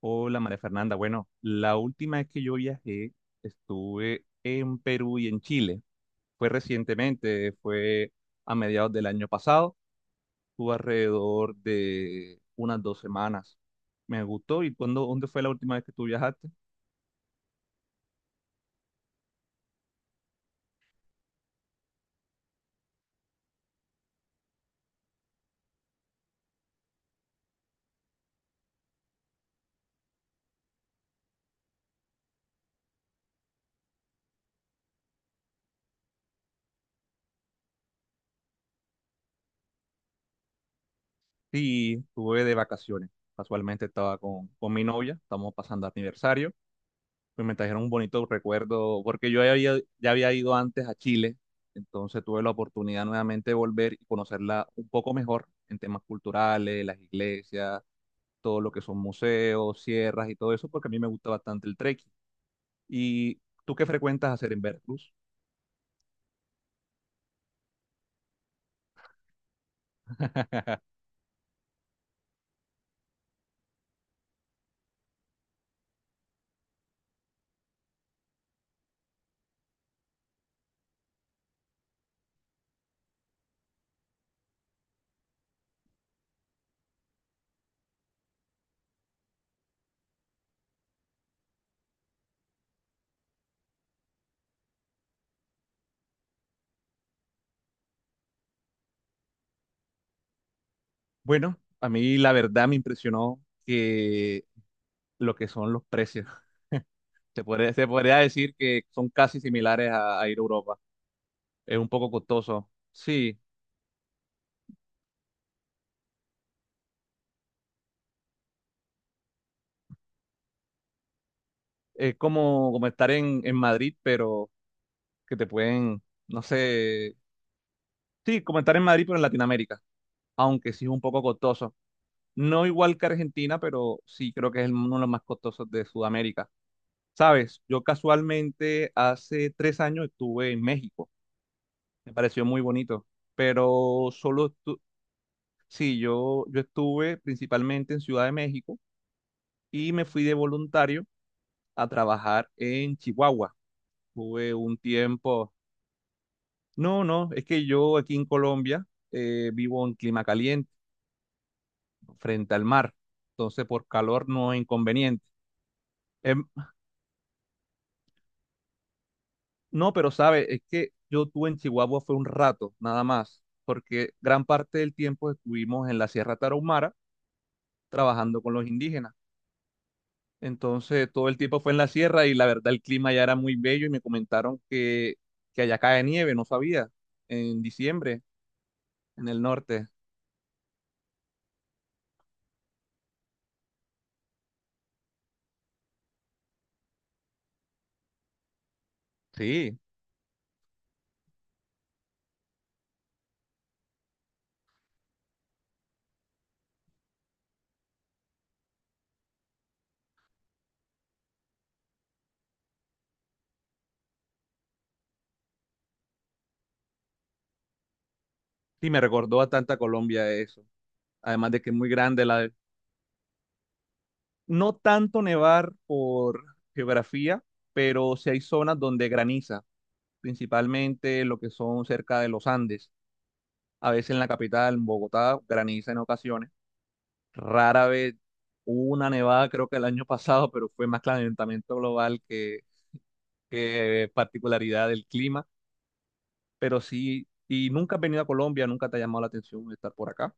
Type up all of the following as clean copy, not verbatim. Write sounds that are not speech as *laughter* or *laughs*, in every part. Hola María Fernanda. Bueno, la última vez que yo viajé estuve en Perú y en Chile. Fue recientemente, fue a mediados del año pasado. Estuve alrededor de unas 2 semanas. Me gustó. ¿Y cuándo, dónde fue la última vez que tú viajaste? Sí, estuve de vacaciones. Casualmente estaba con mi novia, estamos pasando aniversario. Pues me trajeron un bonito recuerdo, porque yo ya había ido antes a Chile, entonces tuve la oportunidad nuevamente de volver y conocerla un poco mejor en temas culturales, las iglesias, todo lo que son museos, sierras y todo eso, porque a mí me gusta bastante el trekking. ¿Y tú qué frecuentas hacer en Veracruz? *laughs* Bueno, a mí la verdad me impresionó que lo que son los precios. *laughs* Se podría decir que son casi similares a ir a Europa. Es un poco costoso. Sí, es como estar en Madrid, pero que te pueden, no sé, sí, como estar en Madrid, pero en Latinoamérica, aunque sí es un poco costoso. No igual que Argentina, pero sí creo que es uno de los más costosos de Sudamérica. Sabes, yo casualmente hace 3 años estuve en México, me pareció muy bonito, pero solo, sí, yo estuve principalmente en Ciudad de México y me fui de voluntario a trabajar en Chihuahua. Tuve un tiempo. No, no, es que yo aquí en Colombia vivo en clima caliente, frente al mar, entonces por calor no es inconveniente. Em, no, pero sabe, es que yo tuve en Chihuahua fue un rato, nada más, porque gran parte del tiempo estuvimos en la Sierra Tarahumara trabajando con los indígenas. Entonces todo el tiempo fue en la sierra y la verdad el clima ya era muy bello y me comentaron que allá cae nieve, no sabía, en diciembre, en el norte. Sí, sí, me recordó bastante a tanta Colombia eso. Además de que es muy grande. No tanto nevar por geografía, pero sí hay zonas donde graniza, principalmente lo que son cerca de los Andes. A veces en la capital, en Bogotá, graniza en ocasiones. Rara vez hubo una nevada, creo que el año *laughs* pasado, pero fue más calentamiento global que particularidad del clima. Pero sí, y nunca has venido a Colombia, nunca te ha llamado la atención estar por acá.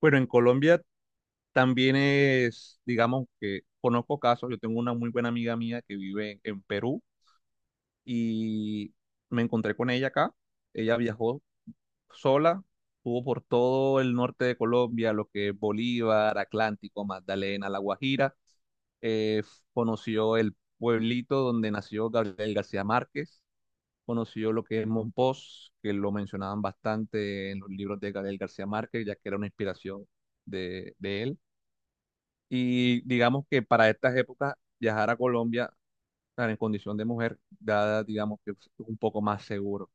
Bueno, en Colombia también es, digamos que conozco casos, yo tengo una muy buena amiga mía que vive en Perú y me encontré con ella acá. Ella viajó sola, estuvo por todo el norte de Colombia, lo que es Bolívar, Atlántico, Magdalena, La Guajira. Eh, conoció el pueblito donde nació Gabriel García Márquez, conoció lo que es Monpós, que lo mencionaban bastante en los libros de Gabriel García Márquez, ya que era una inspiración de él, y digamos que para estas épocas viajar a Colombia tan en condición de mujer, dada, digamos que es un poco más seguro.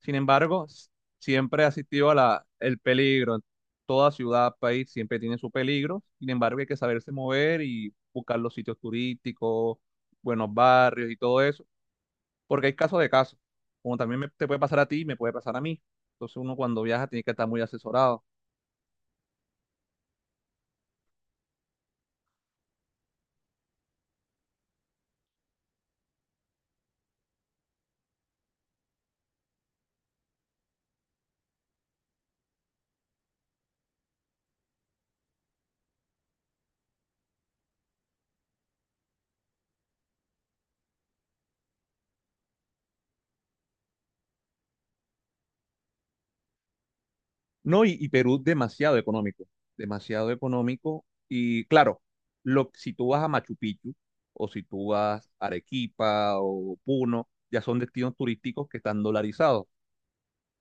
Sin embargo, siempre ha asistido a la, el peligro. Toda ciudad, país siempre tiene su peligro. Sin embargo, hay que saberse mover y buscar los sitios turísticos, buenos barrios y todo eso, porque hay casos de casos. Como también te puede pasar a ti, me puede pasar a mí. Entonces uno cuando viaja tiene que estar muy asesorado. No, y Perú demasiado económico, demasiado económico. Y claro, si tú vas a Machu Picchu o si tú vas a Arequipa o Puno, ya son destinos turísticos que están dolarizados.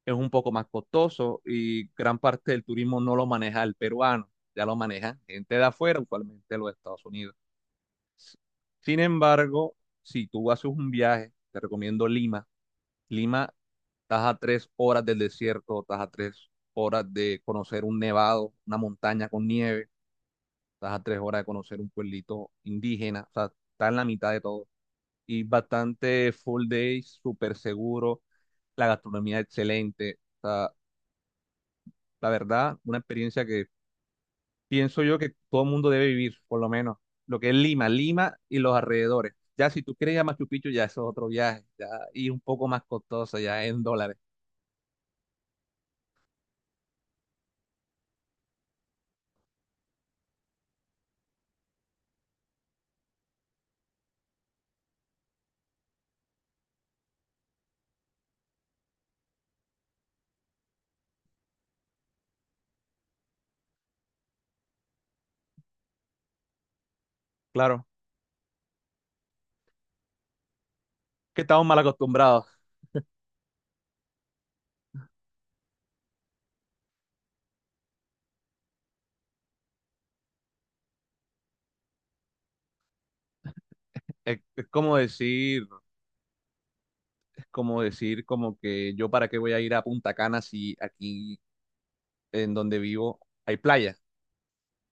Es un poco más costoso y gran parte del turismo no lo maneja el peruano, ya lo maneja gente de afuera, usualmente de los Estados Unidos. S- Sin embargo, si tú haces un viaje, te recomiendo Lima. Lima, estás a 3 horas del desierto, estás a 3 horas de conocer un nevado, una montaña con nieve, estás a 3 horas de conocer un pueblito indígena, o sea, está en la mitad de todo. Y bastante full day, súper seguro, la gastronomía excelente. O sea, la verdad, una experiencia que pienso yo que todo el mundo debe vivir, por lo menos lo que es Lima, Lima y los alrededores. Ya si tú quieres ir a Machu Picchu, ya eso es otro viaje, ya y un poco más costoso, ya en dólares. Claro, que estamos mal acostumbrados. Es como decir, como que yo para qué voy a ir a Punta Cana si aquí en donde vivo hay playa.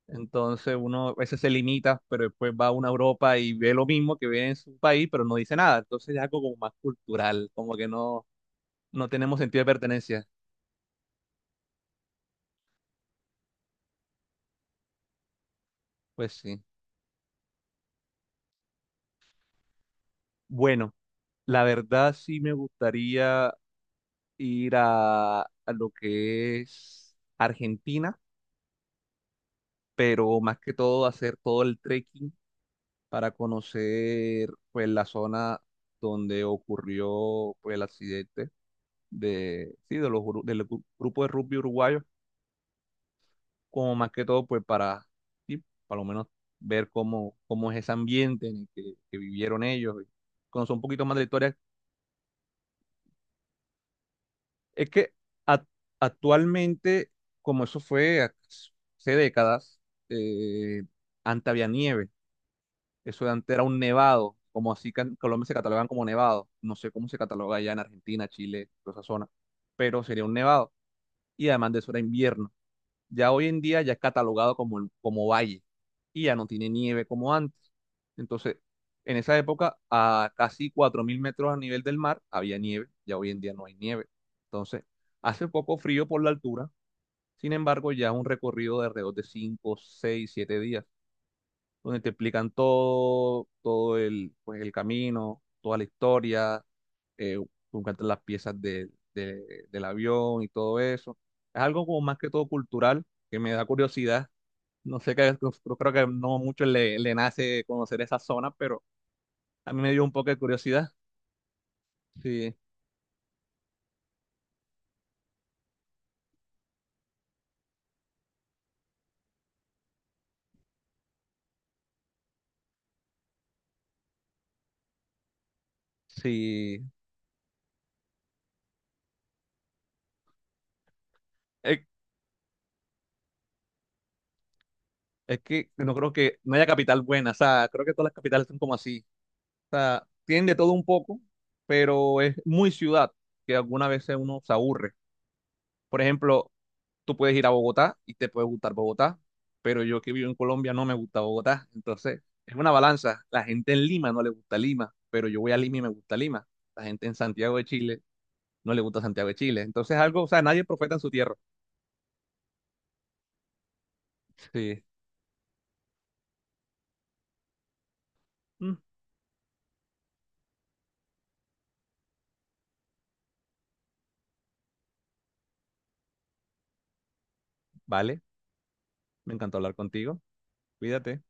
Entonces uno a veces se limita, pero después va a una Europa y ve lo mismo que ve en su país, pero no dice nada. Entonces es algo como más cultural, como que no tenemos sentido de pertenencia. Pues sí. Bueno, la verdad sí me gustaría ir a lo que es Argentina, pero más que todo hacer todo el trekking para conocer pues la zona donde ocurrió pues el accidente de sí de los gru- del gru- grupo de rugby uruguayo, como más que todo pues para sí, para lo menos ver cómo es ese ambiente en el que vivieron ellos y conocer un poquito más de la historia. Es que ac- actualmente, como eso fue hace décadas, eh, antes había nieve. Eso de antes era un nevado, como así que en Colombia se catalogan como nevado. No sé cómo se cataloga allá en Argentina, Chile, toda esa zona, pero sería un nevado. Y además de eso era invierno. Ya hoy en día ya es catalogado como, como valle, y ya no tiene nieve como antes. Entonces, en esa época, a casi 4.000 metros a nivel del mar había nieve, ya hoy en día no hay nieve. Entonces, hace poco frío por la altura, sin embargo, ya es un recorrido de alrededor de 5, 6, 7 días donde te explican todo, todo el, pues, el camino, toda la historia, eh, te encuentras las piezas del avión y todo eso. Es algo como más que todo cultural, que me da curiosidad. No sé, que, yo creo que no mucho le nace conocer esa zona, pero a mí me dio un poco de curiosidad. Sí, sí. Es, es que no creo que no haya capital buena, o sea, creo que todas las capitales son como así. O sea, tienen de todo un poco, pero es muy ciudad que algunas veces uno se aburre. Por ejemplo, tú puedes ir a Bogotá y te puede gustar Bogotá, pero yo que vivo en Colombia no me gusta Bogotá. Entonces, es una balanza. La gente en Lima no le gusta Lima, pero yo voy a Lima y me gusta Lima. La gente en Santiago de Chile no le gusta Santiago de Chile. Entonces, algo, o sea, nadie profeta en su tierra. Sí. Mm, vale, me encantó hablar contigo. Cuídate.